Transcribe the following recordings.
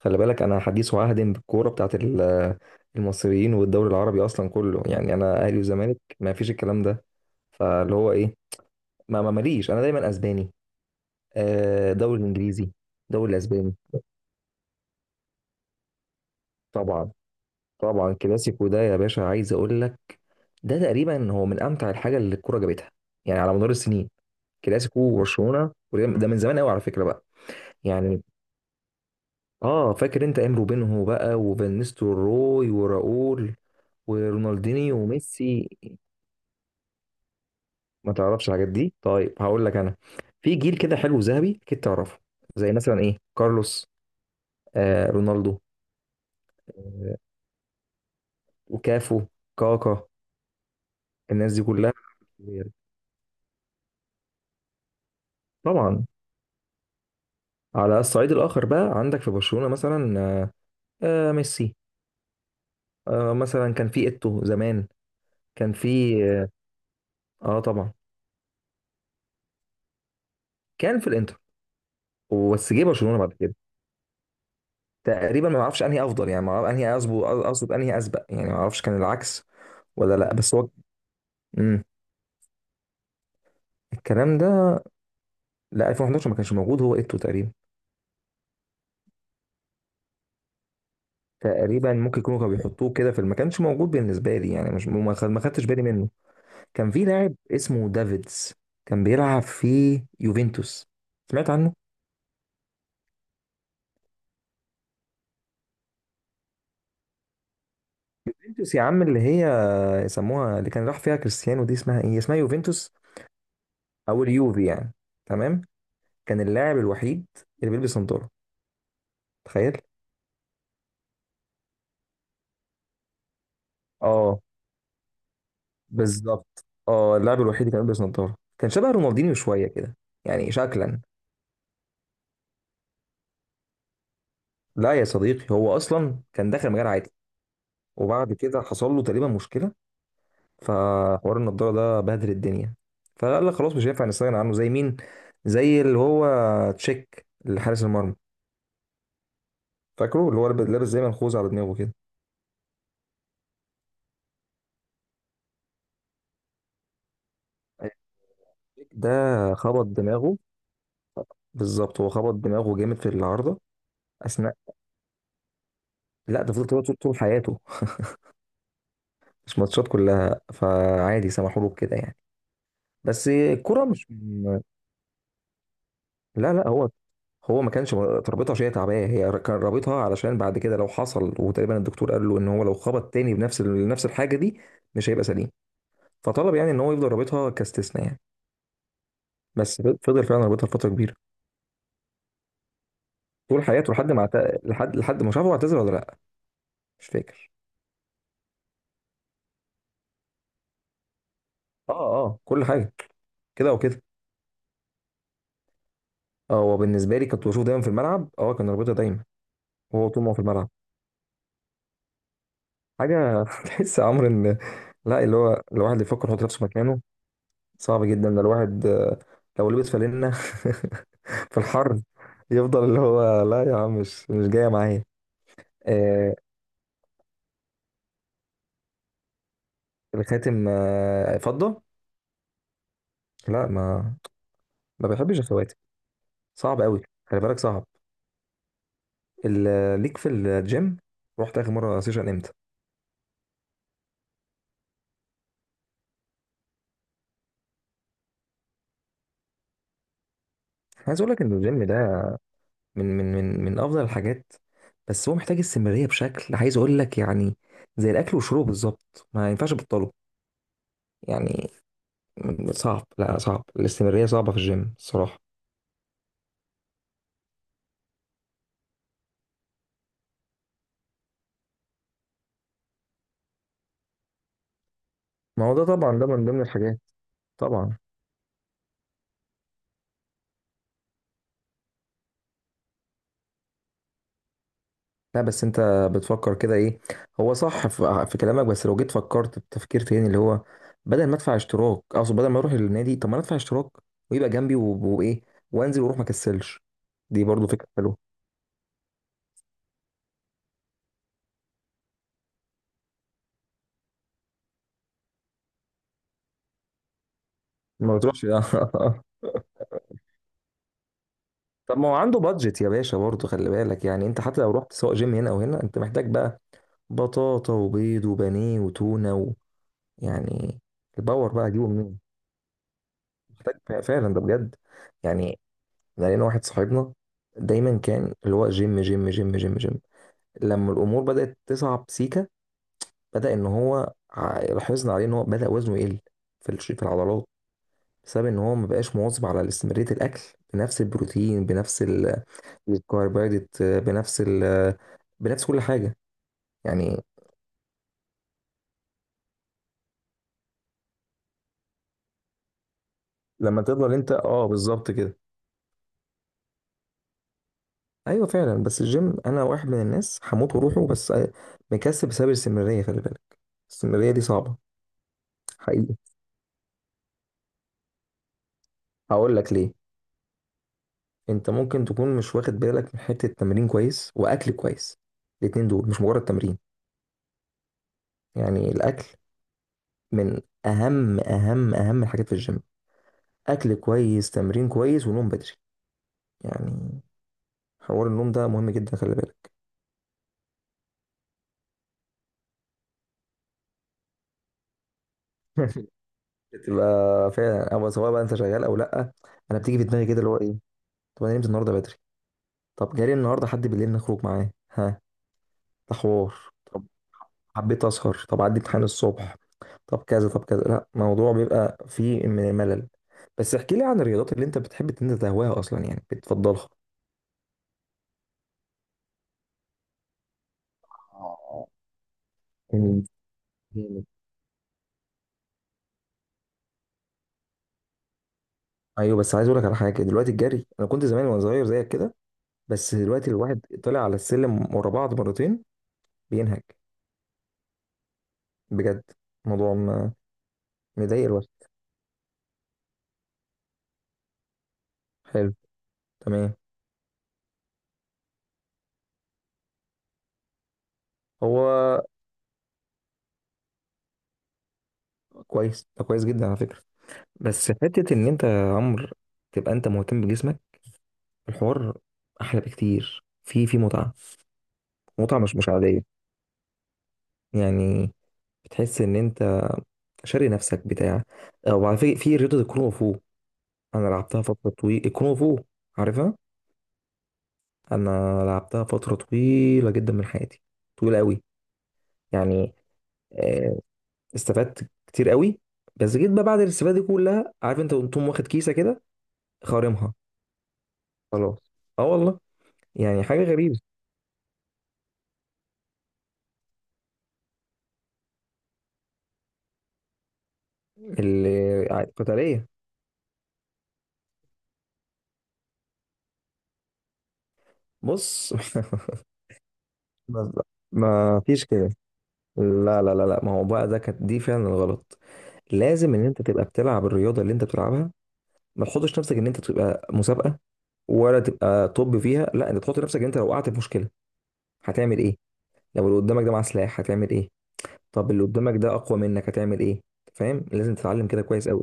خلي بالك انا حديث وعهد بالكوره بتاعت المصريين والدوري العربي اصلا كله. يعني انا اهلي وزمالك ما فيش الكلام ده. فاللي هو ايه؟ ما ما ماليش، انا دايما اسباني. دوري الانجليزي، دوري الاسباني. طبعا. طبعا كلاسيكو ده يا باشا، عايز اقول لك ده تقريبا هو من امتع الحاجه اللي الكوره جابتها، يعني على مدار السنين. كلاسيكو وبرشلونه ده من زمان قوي على فكره بقى. يعني اه فاكر انت ايام روبينهو بقى، وفانيستو روي وراؤول ورونالدينيو وميسي. ما تعرفش الحاجات دي؟ طيب هقول لك انا، في جيل كده حلو ذهبي اكيد تعرفه. زي مثلا ايه، كارلوس، آه رونالدو، آه وكافو، كاكا، الناس دي كلها. طبعا. على الصعيد الاخر بقى عندك في برشلونة مثلا آه ميسي. آه مثلا كان في ايتو زمان. كان في، اه، آه طبعا. كان في الانتر، بس جه برشلونة بعد كده. تقريبا ما اعرفش انهي افضل، يعني ما اعرف انهي اظبط، اقصد انهي اسبق، يعني ما اعرفش كان العكس ولا لا. بس هو، امم، الكلام ده، لا 2011 ما كانش موجود، هو ايتو تقريبا. تقريبا ممكن يكونوا كانوا بيحطوه كده في ما كانش موجود بالنسبه لي يعني. مش ما خدتش بالي منه. كان في لاعب اسمه دافيدز، كان بيلعب في يوفنتوس. سمعت عنه؟ يوفنتوس يا عم اللي هي يسموها، اللي كان راح فيها كريستيانو، دي اسمها ايه، اسمها يوفنتوس او اليوفي يعني. تمام. كان اللاعب الوحيد اللي بيلبس نظاره، تخيل. اه بالظبط، اه اللاعب الوحيد اللي كان بيلبس نظاره، كان شبه رونالدينيو شويه كده، يعني شكلا. لا يا صديقي، هو اصلا كان داخل مجال عادي، وبعد كده حصل له تقريبا مشكله. فحوار النضاره ده بهدل الدنيا. فقال لك خلاص مش هينفع نستغنى عنه، زي مين، زي اللي هو تشيك اللي حارس المرمى. فاكره اللي هو لابس زي منخوذ على دماغه كده، تشيك ده. خبط دماغه، بالظبط. هو خبط دماغه جامد في العارضه اثناء. لا ده فضل كده طول طول حياته مش ماتشات كلها، فعادي سمحوا له بكده يعني. بس الكرة مش من... لا لا، هو هو ما كانش رابطها عشان هي تعبانه، هي كان رابطها علشان بعد كده لو حصل، وتقريبا الدكتور قال له ان هو لو خبط تاني بنفس نفس الحاجه دي مش هيبقى سليم. فطلب يعني ان هو يفضل رابطها كاستثناء يعني. بس فضل فعلا رابطها لفتره كبيره. طول حياته لحد ما شافه اعتذر ولا لا، مش فاكر. اه. اه كل حاجه. كده او كده. اه هو بالنسبه لي كنت بشوفه دايما في الملعب، اه كان رابطها دايما، وهو طول ما هو في الملعب. حاجه تحس يا عمرو ان، لا اللي هو الواحد اللي يفكر يحط نفسه مكانه صعب جدا. ده الواحد لو لبس فالينا في الحر يفضل اللي هو لا يا عم، مش مش جايه معايا. آه الخاتم، آه فضه. لا، ما بحبش الخواتم. صعب قوي خلي بالك، صعب. ليك في الجيم، رحت اخر مره سيشن امتى؟ عايز اقول لك ان الجيم ده من افضل الحاجات، بس هو محتاج استمراريه بشكل، عايز اقول لك يعني زي الاكل والشرب بالظبط، ما ينفعش تبطله يعني. صعب، لا صعب، الاستمراريه صعبه في الجيم الصراحه. ما هو ده طبعا ده من ضمن الحاجات. طبعا. لا بس انت بتفكر كده ايه، هو صح في كلامك، بس لو جيت فكرت بتفكير تاني اللي هو بدل ما ادفع اشتراك، اقصد بدل ما اروح النادي، طب ما انا ادفع اشتراك ويبقى جنبي وايه، وانزل واروح ما اكسلش. دي برضو فكره حلوه. ما تروحش طب ما هو عنده بادجت يا باشا، برضو خلي بالك يعني، انت حتى لو رحت، سواء جيم هنا او هنا، انت محتاج بقى بطاطا وبيض وبانيه وتونه و... يعني الباور بقى اجيبه منين؟ محتاج فعلا ده بجد يعني. لقينا واحد صاحبنا دايما كان اللي هو جيم جيم جيم جيم جيم، لما الامور بدات تصعب سيكا، بدا ان هو لاحظنا عليه ان هو بدا وزنه يقل في في العضلات، بسبب ان هو ما بقاش مواظب على استمراريه الاكل، بنفس البروتين، بنفس الكربوهيدرات، بنفس ال، بنفس كل حاجه يعني. لما تفضل انت، اه بالظبط كده. ايوه فعلا. بس الجيم انا واحد من الناس هموت وروحه، بس مكسب بسبب الاستمراريه، خلي بالك الاستمراريه دي صعبه. حقيقي؟ هقول لك ليه. انت ممكن تكون مش واخد بالك من حتة تمرين كويس واكل كويس. الاتنين دول مش مجرد تمرين يعني. الاكل من اهم الحاجات في الجيم. اكل كويس، تمرين كويس، ونوم بدري يعني. حوار النوم ده مهم جدا، خلي بالك. بتبقى فعلا، او سواء بقى انت شغال او لا. انا بتيجي في دماغي كده اللي هو ايه، طب انا نمت النهارده بدري، طب جالي النهارده حد بالليل نخرج معاه، ها ده حوار، حبيت اسهر، طب عندي امتحان الصبح، طب كذا طب كذا. لا، موضوع بيبقى فيه من ملل. بس احكي لي عن الرياضات اللي انت بتحب ان انت تهواها اصلا يعني بتفضلها. آه، مم. جامد. ايوه بس عايز اقول لك على حاجه. دلوقتي الجري، انا كنت زمان وانا صغير زيك كده، بس دلوقتي الواحد طلع على السلم ورا بعض مرتين بينهج، بجد. الموضوع مضايق الواحد. حلو. تمام. هو كويس ده، كويس جدا على فكره. بس حته ان انت يا عمرو تبقى انت مهتم بجسمك، الحوار احلى بكتير، في في متعه. متعه مش مش عاديه يعني. بتحس ان انت شاري نفسك بتاع. او على فكره، في رياضه الكونغ فو، انا لعبتها فتره طويله، الكونغ فو، عارفها؟ انا لعبتها فتره طويله جدا من حياتي، طويله قوي. يعني آه، استفدت كتير قوي. بس جيت بقى بعد الاستفاده دي كلها، عارف انت قمت واخد كيسه كده، خارمها، خلاص. اه والله. يعني حاجه غريبه. قتاليه. بص ما ما فيش كده. لا لا لا لا، ما هو بقى ده كانت دي فعلا الغلط. لازم ان انت تبقى بتلعب الرياضه اللي انت بتلعبها، ما تحطش نفسك ان انت تبقى مسابقه، ولا تبقى طب فيها. لا انت تحط نفسك ان انت لو وقعت في مشكله هتعمل ايه؟ لو اللي قدامك ده معاه سلاح هتعمل ايه؟ طب اللي قدامك ده اقوى منك هتعمل ايه؟ فاهم؟ لازم تتعلم كده كويس قوي.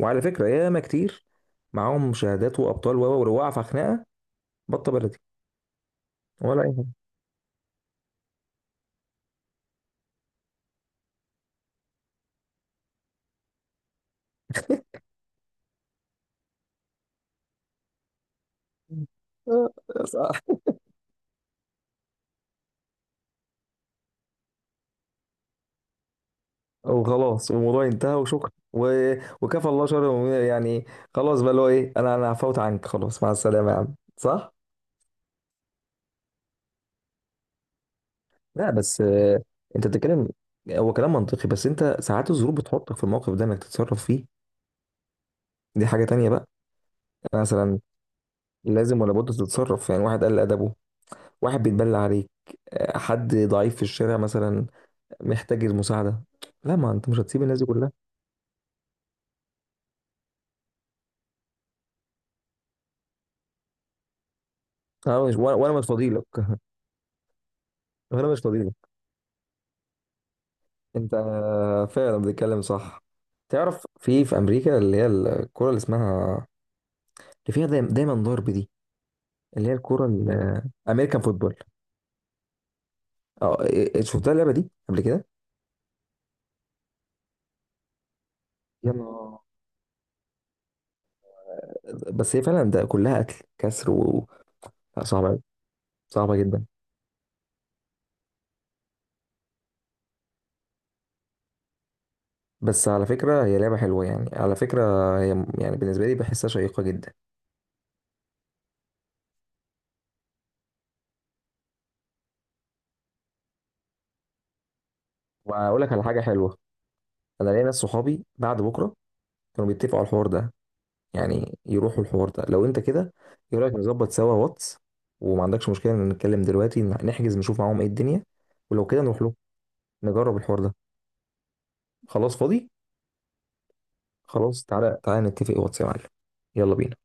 وعلى فكره ياما كتير معاهم شهادات وابطال، و ولو وقع في خناقه بطه بلدي، ولا اي حاجه. وخلاص والموضوع انتهى وشكرا و... وكفى الله شر المؤمنين يعني. خلاص بقى اللي هو ايه، انا انا عفوت عنك، خلاص مع السلامه يا عم، صح؟ لا بس انت بتتكلم، هو كلام منطقي، بس انت ساعات الظروف بتحطك في الموقف ده انك تتصرف فيه. دي حاجة تانية بقى. مثلا لازم ولا بد تتصرف، يعني واحد قل ادبه، واحد بيتبلى عليك، حد ضعيف في الشارع مثلا محتاج المساعدة، لا ما انت مش هتسيب الناس دي كلها. انا مش وانا مش فاضيلك وانا مش فاضيلك. انت فعلا بتتكلم صح. تعرف في في امريكا اللي هي الكرة اللي اسمها، اللي فيها دايما دايما ضرب دي، اللي هي الكرة الامريكان فوتبول. اه شفتها اللعبة دي قبل كده؟ يا نهار. بس هي فعلا ده كلها قتل كسر و... لا، صعبة أوي، صعبة جدا. بس على فكرة هي لعبة حلوة يعني، على فكرة هي، يعني بالنسبة لي بحسها شيقة جدا. وأقول لك على حاجة حلوة. أنا ليا ناس صحابي بعد بكرة كانوا بيتفقوا على الحوار ده، يعني يروحوا الحوار ده، لو انت كده، ايه رايك نظبط سوا واتس، وما عندكش مشكله ان نتكلم دلوقتي نحجز نشوف معاهم ايه الدنيا. ولو كده نروح له، نجرب الحوار ده. خلاص فاضي. خلاص تعالى تعالى نتفق واتس يا معلم. يلا بينا.